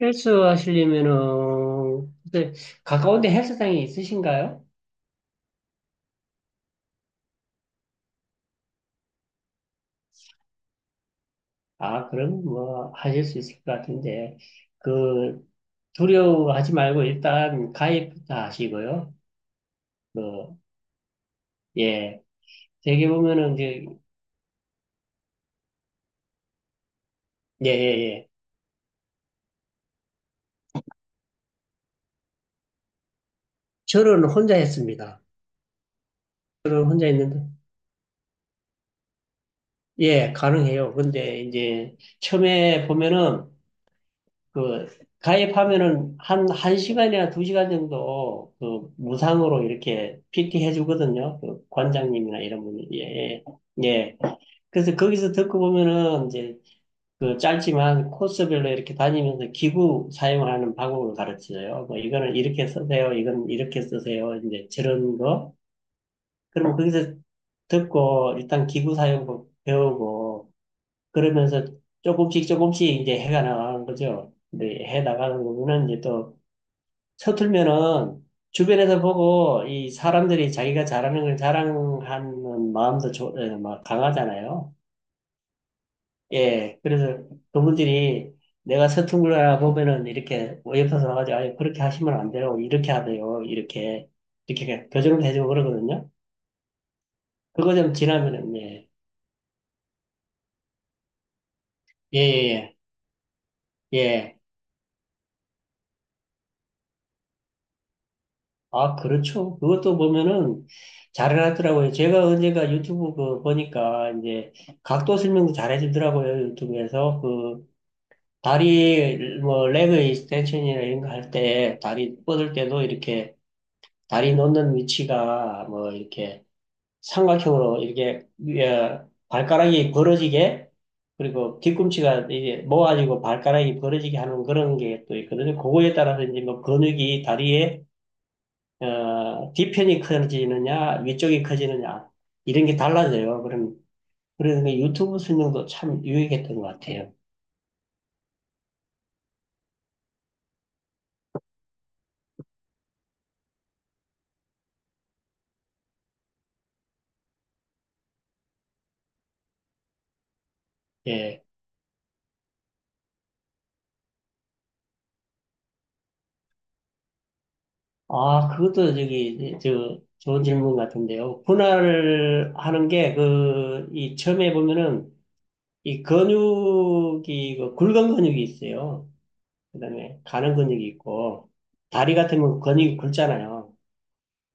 헬스 하시려면은, 근데 가까운데 헬스장이 있으신가요? 아, 그럼 뭐 하실 수 있을 것 같은데, 그, 두려워하지 말고 일단 가입부터 하시고요. 그, 예. 되게 보면은 이제, 예, 예, 예. 저는 혼자 했습니다. 저는 혼자 했는데, 예, 가능해요. 근데 이제 처음에 보면은 그 가입하면은 한 시간이나 두 시간 정도 그 무상으로 이렇게 PT 해주거든요. 그 관장님이나 이런 분이. 예, 예. 예. 그래서 거기서 듣고 보면은 이제 그 짧지만 코스별로 이렇게 다니면서 기구 사용하는 방법을 가르쳐줘요. 뭐 이거는 이렇게 쓰세요. 이건 이렇게 쓰세요. 이제 저런 거. 그러면 거기서 듣고 일단 기구 사용법 배우고 그러면서 조금씩 조금씩 이제 해가 나가는 거죠. 근데 해 나가는 거는 이제 또 서툴면은 주변에서 보고 이 사람들이 자기가 잘하는 걸 자랑하는 마음도 막 강하잖아요. 예, 그래서 그분들이 내가 서툰 거라 보면은 이렇게 옆에서 와가지고 아, 그렇게 하시면 안 돼요. 이렇게 하세요. 이렇게 이렇게 교정을 해주고 그러거든요. 그거 좀 지나면은 예, 예, 예, 예. 예. 아, 그렇죠. 그것도 보면은 잘해놨더라고요. 제가 언젠가 유튜브 그 보니까 이제 각도 설명도 잘해주더라고요. 유튜브에서 그 다리 뭐 레그 익스텐션이나 이런 거 할 때 다리 뻗을 때도 이렇게 다리 놓는 위치가 뭐 이렇게 삼각형으로 이렇게 위에 발가락이 벌어지게 그리고 뒤꿈치가 이제 모아지고 발가락이 벌어지게 하는 그런 게 또 있거든요. 그거에 따라서 이제 뭐 근육이 다리에 뒤편이 커지느냐, 위쪽이 커지느냐, 이런 게 달라져요. 그럼, 그래서 그 유튜브 설명도 참 유익했던 것 같아요. 예. 아, 그것도 저기, 저, 좋은 질문 같은데요. 분할을 하는 게, 그, 이, 처음에 보면은, 이 근육이, 그 굵은 근육이 있어요. 그 다음에 가는 근육이 있고, 다리 같은 면 근육이 굵잖아요.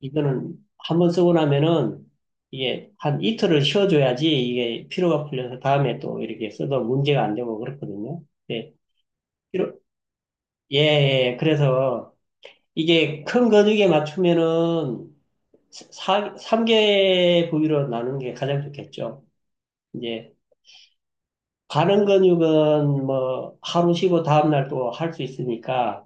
이거는 한번 쓰고 나면은 이게 한 이틀을 쉬어줘야지 이게 피로가 풀려서 다음에 또 이렇게 써도 문제가 안 되고 그렇거든요. 네. 피로- 예, 예. 그래서 이게 큰 근육에 맞추면은 3개 부위로 나누는 게 가장 좋겠죠. 이제 가는 근육은 뭐 하루 쉬고 다음날 또 할 수 있으니까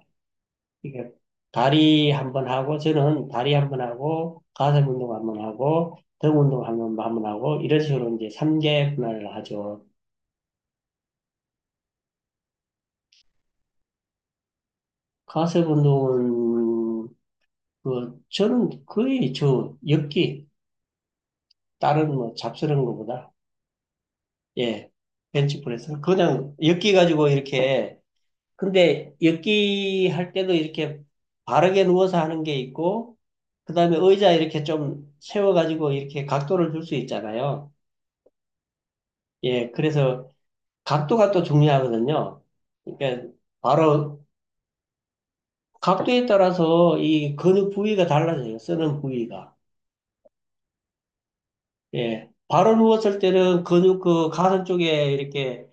이게 다리 한 번 하고 저는 다리 한 번 하고 가슴 운동 한 번 하고 등 운동 한 번 한 번 하고 이런 식으로 이제 삼개 분할을 하죠. 가슴 운동은 그 저는 거의 저 엮기 다른 뭐 잡스러운 거보다 예, 벤치프레스 그냥 엮기 가지고 이렇게 근데 엮기 할 때도 이렇게 바르게 누워서 하는 게 있고 그다음에 의자 이렇게 좀 세워 가지고 이렇게 각도를 줄 수 있잖아요. 예, 그래서 각도가 또 중요하거든요. 그러니까 바로 각도에 따라서 이 근육 부위가 달라져요. 쓰는 부위가. 예. 바로 누웠을 때는 근육 그 가슴 쪽에 이렇게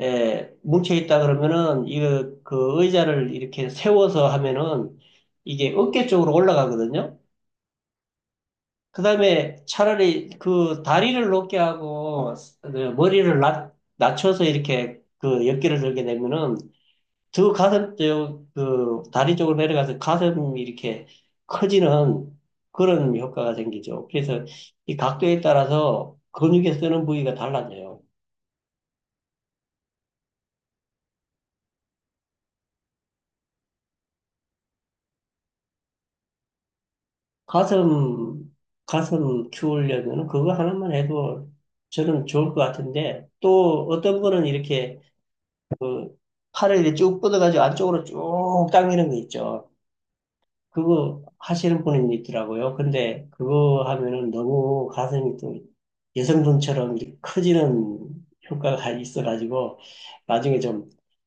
예, 뭉쳐 있다 그러면은 이거 그 의자를 이렇게 세워서 하면은 이게 어깨 쪽으로 올라가거든요. 그다음에 차라리 그 다리를 높게 하고 그 머리를 낮춰서 이렇게 그 어깨를 들게 되면은 저 가슴, 저, 그, 다리 쪽으로 내려가서 가슴이 이렇게 커지는 그런 효과가 생기죠. 그래서 이 각도에 따라서 근육에 쓰는 부위가 달라져요. 가슴, 가슴 키우려면 그거 하나만 해도 저는 좋을 것 같은데 또 어떤 거는 이렇게 팔을 이렇게 쭉 뻗어가지고 안쪽으로 쭉 당기는 거 있죠. 그거 하시는 분이 있더라고요. 근데 그거 하면은 너무 가슴이 또 여성분처럼 이렇게 커지는 효과가 있어가지고 나중에 좀그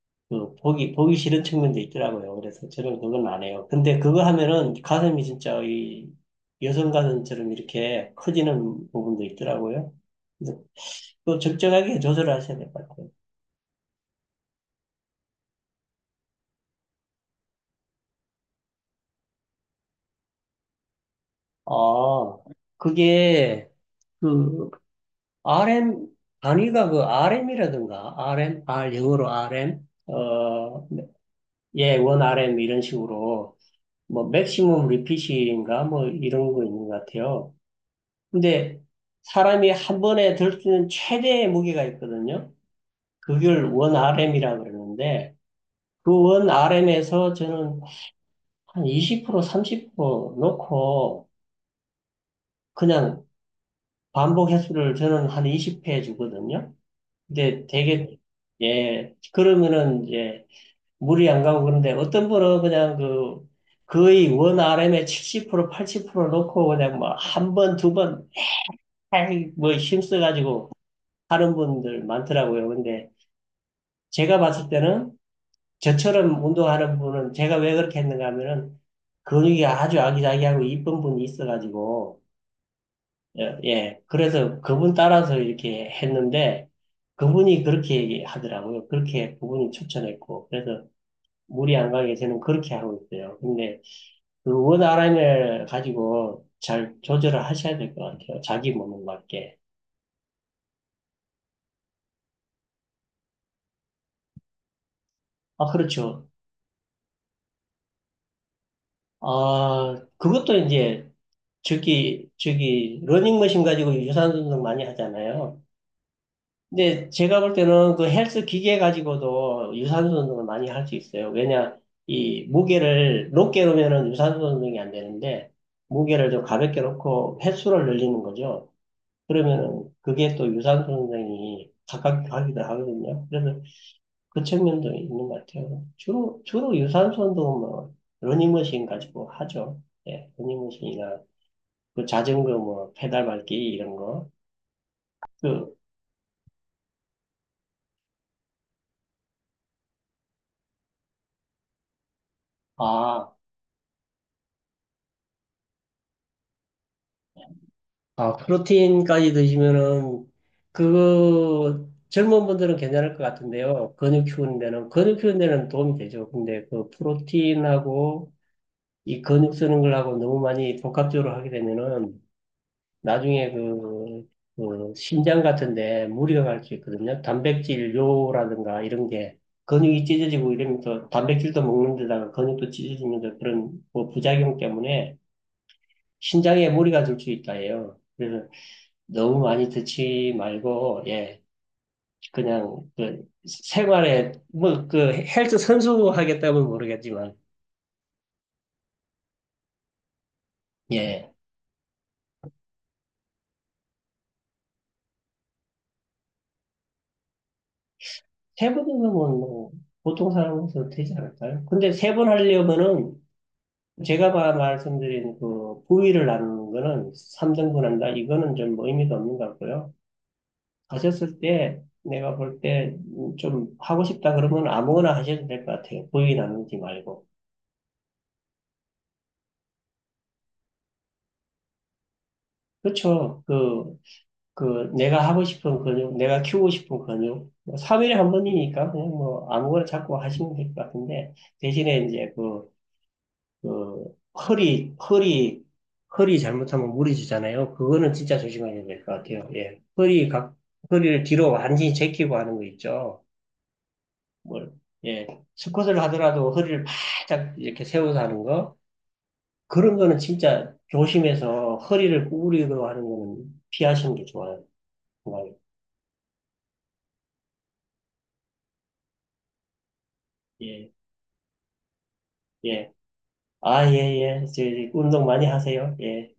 보기 싫은 측면도 있더라고요. 그래서 저는 그건 안 해요. 근데 그거 하면은 가슴이 진짜 이 여성 가슴처럼 이렇게 커지는 부분도 있더라고요. 그래서 또 적절하게 조절하셔야 될 것 같아요. 아, 그게 그 RM 단위가 그 RM이라든가 RM, R, 영어로 RM, 예, 원 RM 이런 식으로 뭐 맥시멈 리핏인가 뭐 이런 거 있는 것 같아요. 근데 사람이 한 번에 들 수 있는 최대의 무게가 있거든요. 그걸 원 RM이라고 그러는데 그 원 RM에서 저는 한 20% 30% 놓고 그냥 반복 횟수를 저는 한 20회 주거든요. 근데 되게 예, 그러면은 이제 물이 안 가고. 그런데 어떤 분은 그냥 그 거의 원 r m 에70% 80% 놓고 그냥 뭐 한 번, 두 번, 뭐 힘써가지고 하는 분들 많더라고요. 근데 제가 봤을 때는 저처럼 운동하는 분은 제가 왜 그렇게 했는가 하면은 근육이 아주 아기자기하고 이쁜 분이 있어가지고 예, 예. 그래서 그분 따라서 이렇게 했는데 그분이 그렇게 얘기하더라고요. 그렇게 그분이 추천했고 그래서 물이 안 가게 저는 그렇게 하고 있어요. 근데 그 원하인을 가지고 잘 조절을 하셔야 될 것 같아요. 자기 몸에 맞게. 아, 그렇죠. 아, 그것도 이제 저기, 러닝머신 가지고 유산소 운동 많이 하잖아요. 근데 제가 볼 때는 그 헬스 기계 가지고도 유산소 운동을 많이 할 수 있어요. 왜냐, 이 무게를 높게 놓으면은 유산소 운동이 안 되는데, 무게를 좀 가볍게 놓고 횟수를 늘리는 거죠. 그러면은 그게 또 유산소 운동이 가깝게 하기도 하거든요. 그래서 그 측면도 있는 것 같아요. 주로 유산소 운동은 뭐, 러닝머신 가지고 하죠. 예, 러닝머신이나, 그 자전거 뭐, 페달 밟기 이런 거. 그, 아, 아, 프로틴까지 드시면은, 그거, 젊은 분들은 괜찮을 것 같은데요. 근육 키우는 데는, 근육 키우는 데는 도움이 되죠. 근데 그 프로틴하고 이 근육 쓰는 걸하고 너무 많이 복합적으로 하게 되면은, 나중에 그, 그 심장 같은데 무리가 갈 수 있거든요. 단백질료라든가 이런 게 근육이 찢어지고 이러면서 단백질도 먹는 데다가 근육도 찢어지면서 그런 뭐 부작용 때문에 신장에 무리가 들 수 있다 해요. 그래서 너무 많이 드지 말고 예, 그냥 그 생활에 뭐 그 헬스 선수 하겠다면 모르겠지만 예, 세 번이면 뭐 보통 사람으로서 되지 않을까요? 근데 세 번 하려면은 말씀드린 그 부위를 나누는 거는 3등 분한다. 이거는 좀 뭐 의미가 없는 것 같고요. 하셨을 때 내가 볼 때 좀 하고 싶다 그러면 아무거나 하셔도 될 것 같아요. 부위 나누지 말고. 그렇죠. 그, 그 내가 하고 싶은 근육, 내가 키우고 싶은 근육. 삼일에 한 번이니까 그냥 뭐 아무거나 자꾸 하시면 될 것 같은데 대신에 이제 그 그 허리 허리 허리 잘못하면 무리지잖아요. 그거는 진짜 조심해야 될 것 같아요. 예, 허리 각 허리를 뒤로 완전히 제키고 하는 거 있죠. 뭘 예, 스쿼트를 하더라도 허리를 바짝 이렇게 세워서 하는 거 그런 거는 진짜 조심해서 허리를 구부리고 하는 거는 피하시는 게 좋아요. 정말 예, 예. 아, 예, 예. 저, 운동 많이 하세요. 예.